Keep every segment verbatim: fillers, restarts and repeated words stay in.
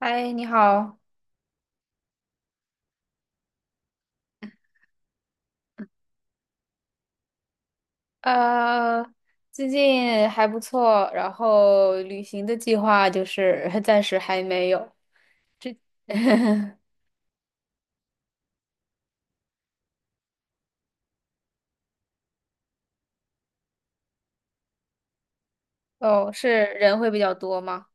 嗨，你好，呃，最近还不错，然后旅行的计划就是 暂时还没有。哦，是人会比较多吗？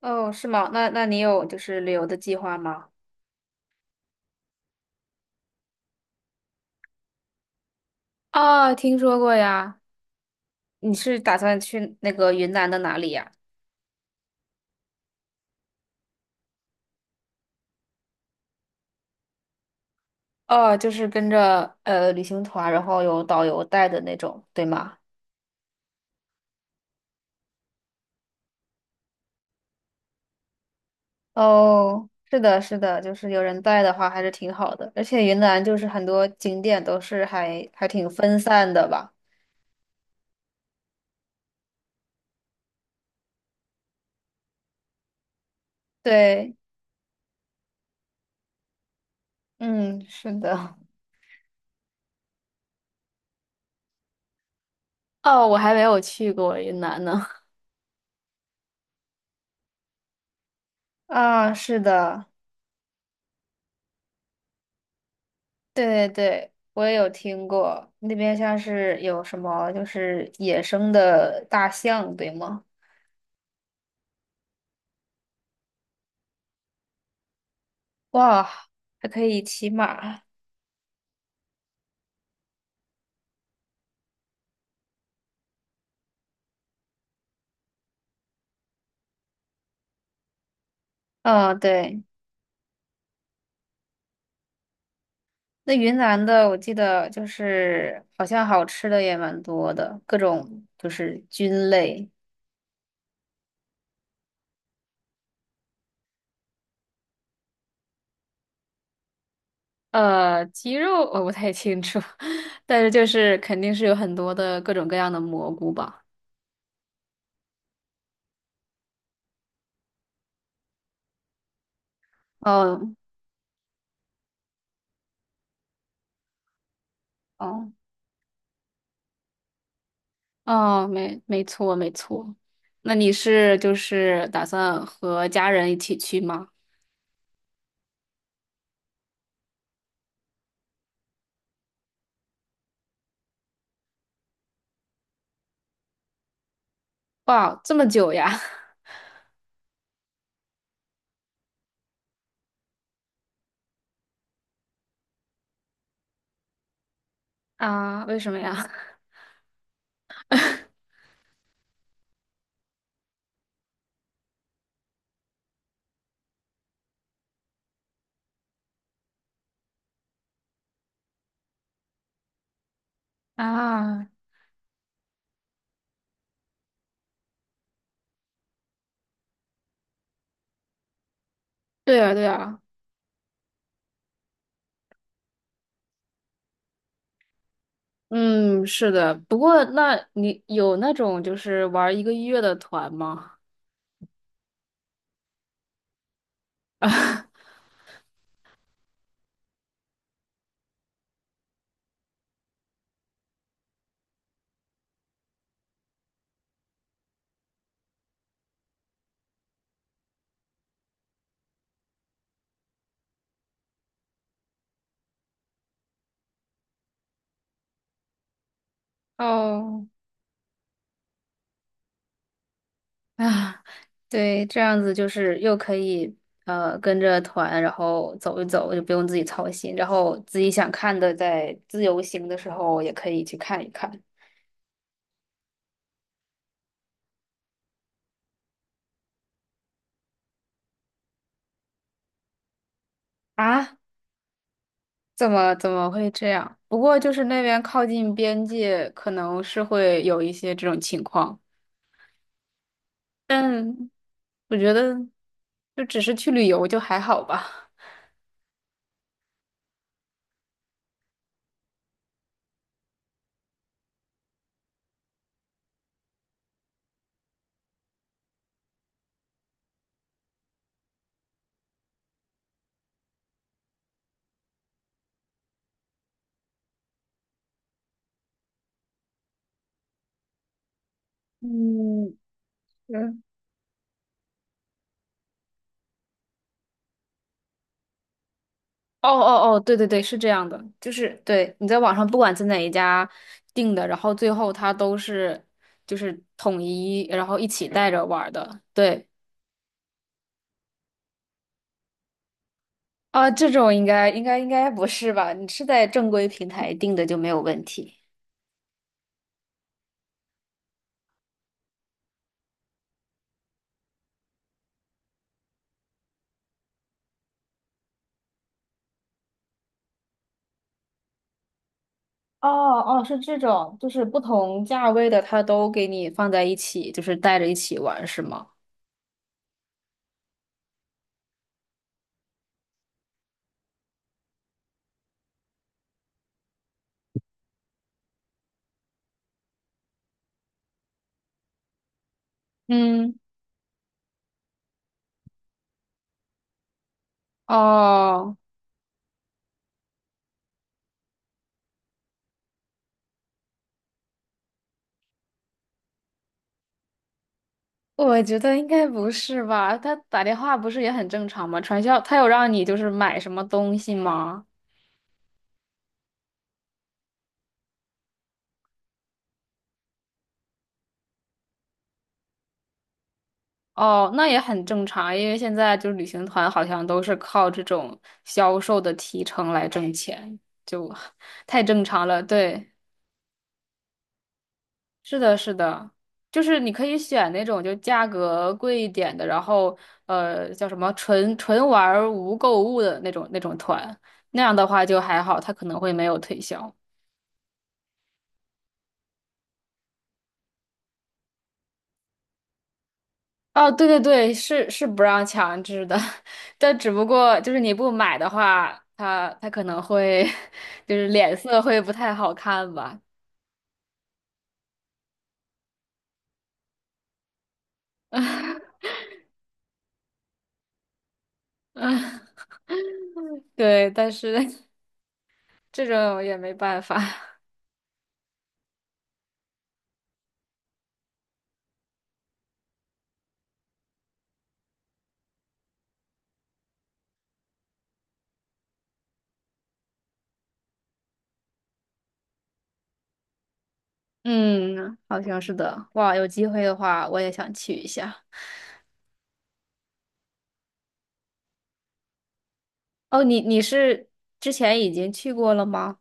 哦，是吗？那那你有就是旅游的计划吗？啊，听说过呀。你是打算去那个云南的哪里呀？哦，就是跟着呃旅行团，然后有导游带的那种，对吗？哦，是的，是的，就是有人带的话还是挺好的，而且云南就是很多景点都是还还挺分散的吧？对，嗯，是的，哦，我还没有去过云南呢。啊，是的，对对对，我也有听过，那边像是有什么就是野生的大象，对吗？哇，还可以骑马，嗯，对。那云南的，我记得就是好像好吃的也蛮多的，各种就是菌类。呃，鸡肉我不太清楚，但是就是肯定是有很多的各种各样的蘑菇吧。哦哦，哦，没，没错，没错。那你是就是打算和家人一起去吗？哇，这么久呀？啊，为什么呀？啊，对呀对呀。嗯，是的。不过，那你有那种就是玩一个月的团吗？啊哦，啊，对，这样子就是又可以呃跟着团，然后走一走，就不用自己操心，然后自己想看的，在自由行的时候也可以去看一看。啊，怎么怎么会这样？不过就是那边靠近边界，可能是会有一些这种情况，但我觉得就只是去旅游就还好吧。嗯，嗯，哦哦哦，对对对，是这样的，就是对你在网上不管在哪一家订的，然后最后它都是就是统一，然后一起带着玩儿的。对啊，这种应该应该应该不是吧？你是在正规平台订的就没有问题。哦哦，是这种，就是不同价位的，它都给你放在一起，就是带着一起玩，是吗？嗯，哦我觉得应该不是吧？他打电话不是也很正常吗？传销，他有让你就是买什么东西吗？哦，那也很正常，因为现在就是旅行团好像都是靠这种销售的提成来挣钱，就 太正常了。对，是的，是的，就是你可以选那种就价格贵一点的，然后呃叫什么纯纯玩儿无购物的那种那种团，那样的话就还好，他可能会没有推销。哦，对对对，是是不让强制的，但只不过就是你不买的话，他他可能会 就是脸色会不太好看吧。对，但是 这种也没办法。嗯，好像是的。哇，有机会的话，我也想去一下。哦，你你是之前已经去过了吗？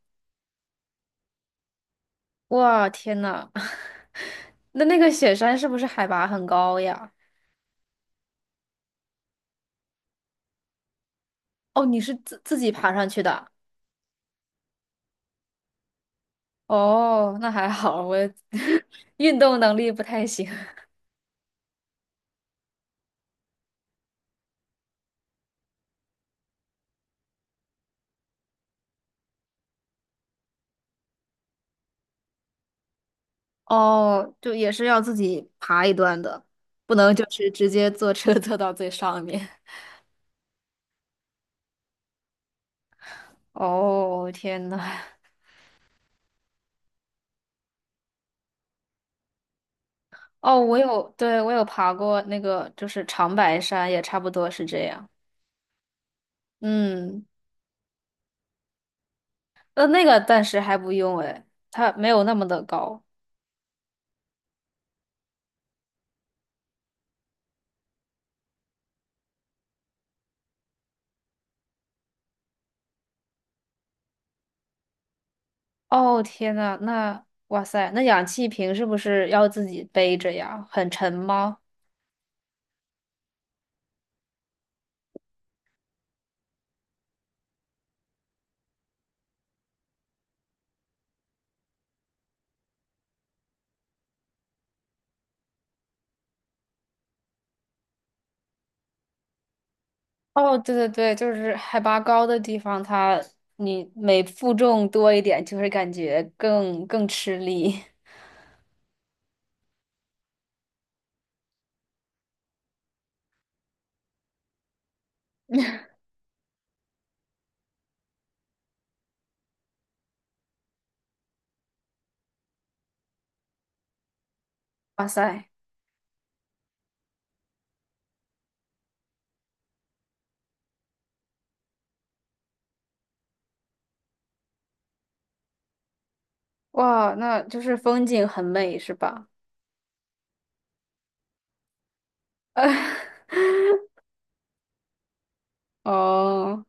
哇，天呐，那那个雪山是不是海拔很高呀？哦，你是自自己爬上去的。哦，那还好，我 运动能力不太行。哦，就也是要自己爬一段的，不能就是直接坐车 坐到最上面。哦，天呐，哦，我有，对，我有爬过那个，就是长白山，也差不多是这样。嗯，呃，那个暂时还不用，诶，它没有那么的高。哦，天呐，那，哇塞，那氧气瓶是不是要自己背着呀？很沉吗？哦，对对对，就是海拔高的地方，它你每负重多一点，就会感觉更更吃力。哇塞，哇，那就是风景很美，是吧？哦，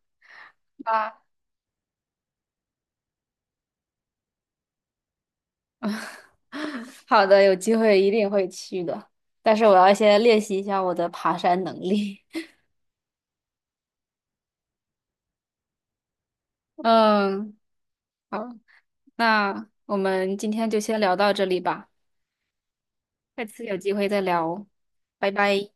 啊，好的，有机会一定会去的，但是我要先练习一下我的爬山能力。嗯，好，那我们今天就先聊到这里吧，下次有机会再聊哦，拜拜。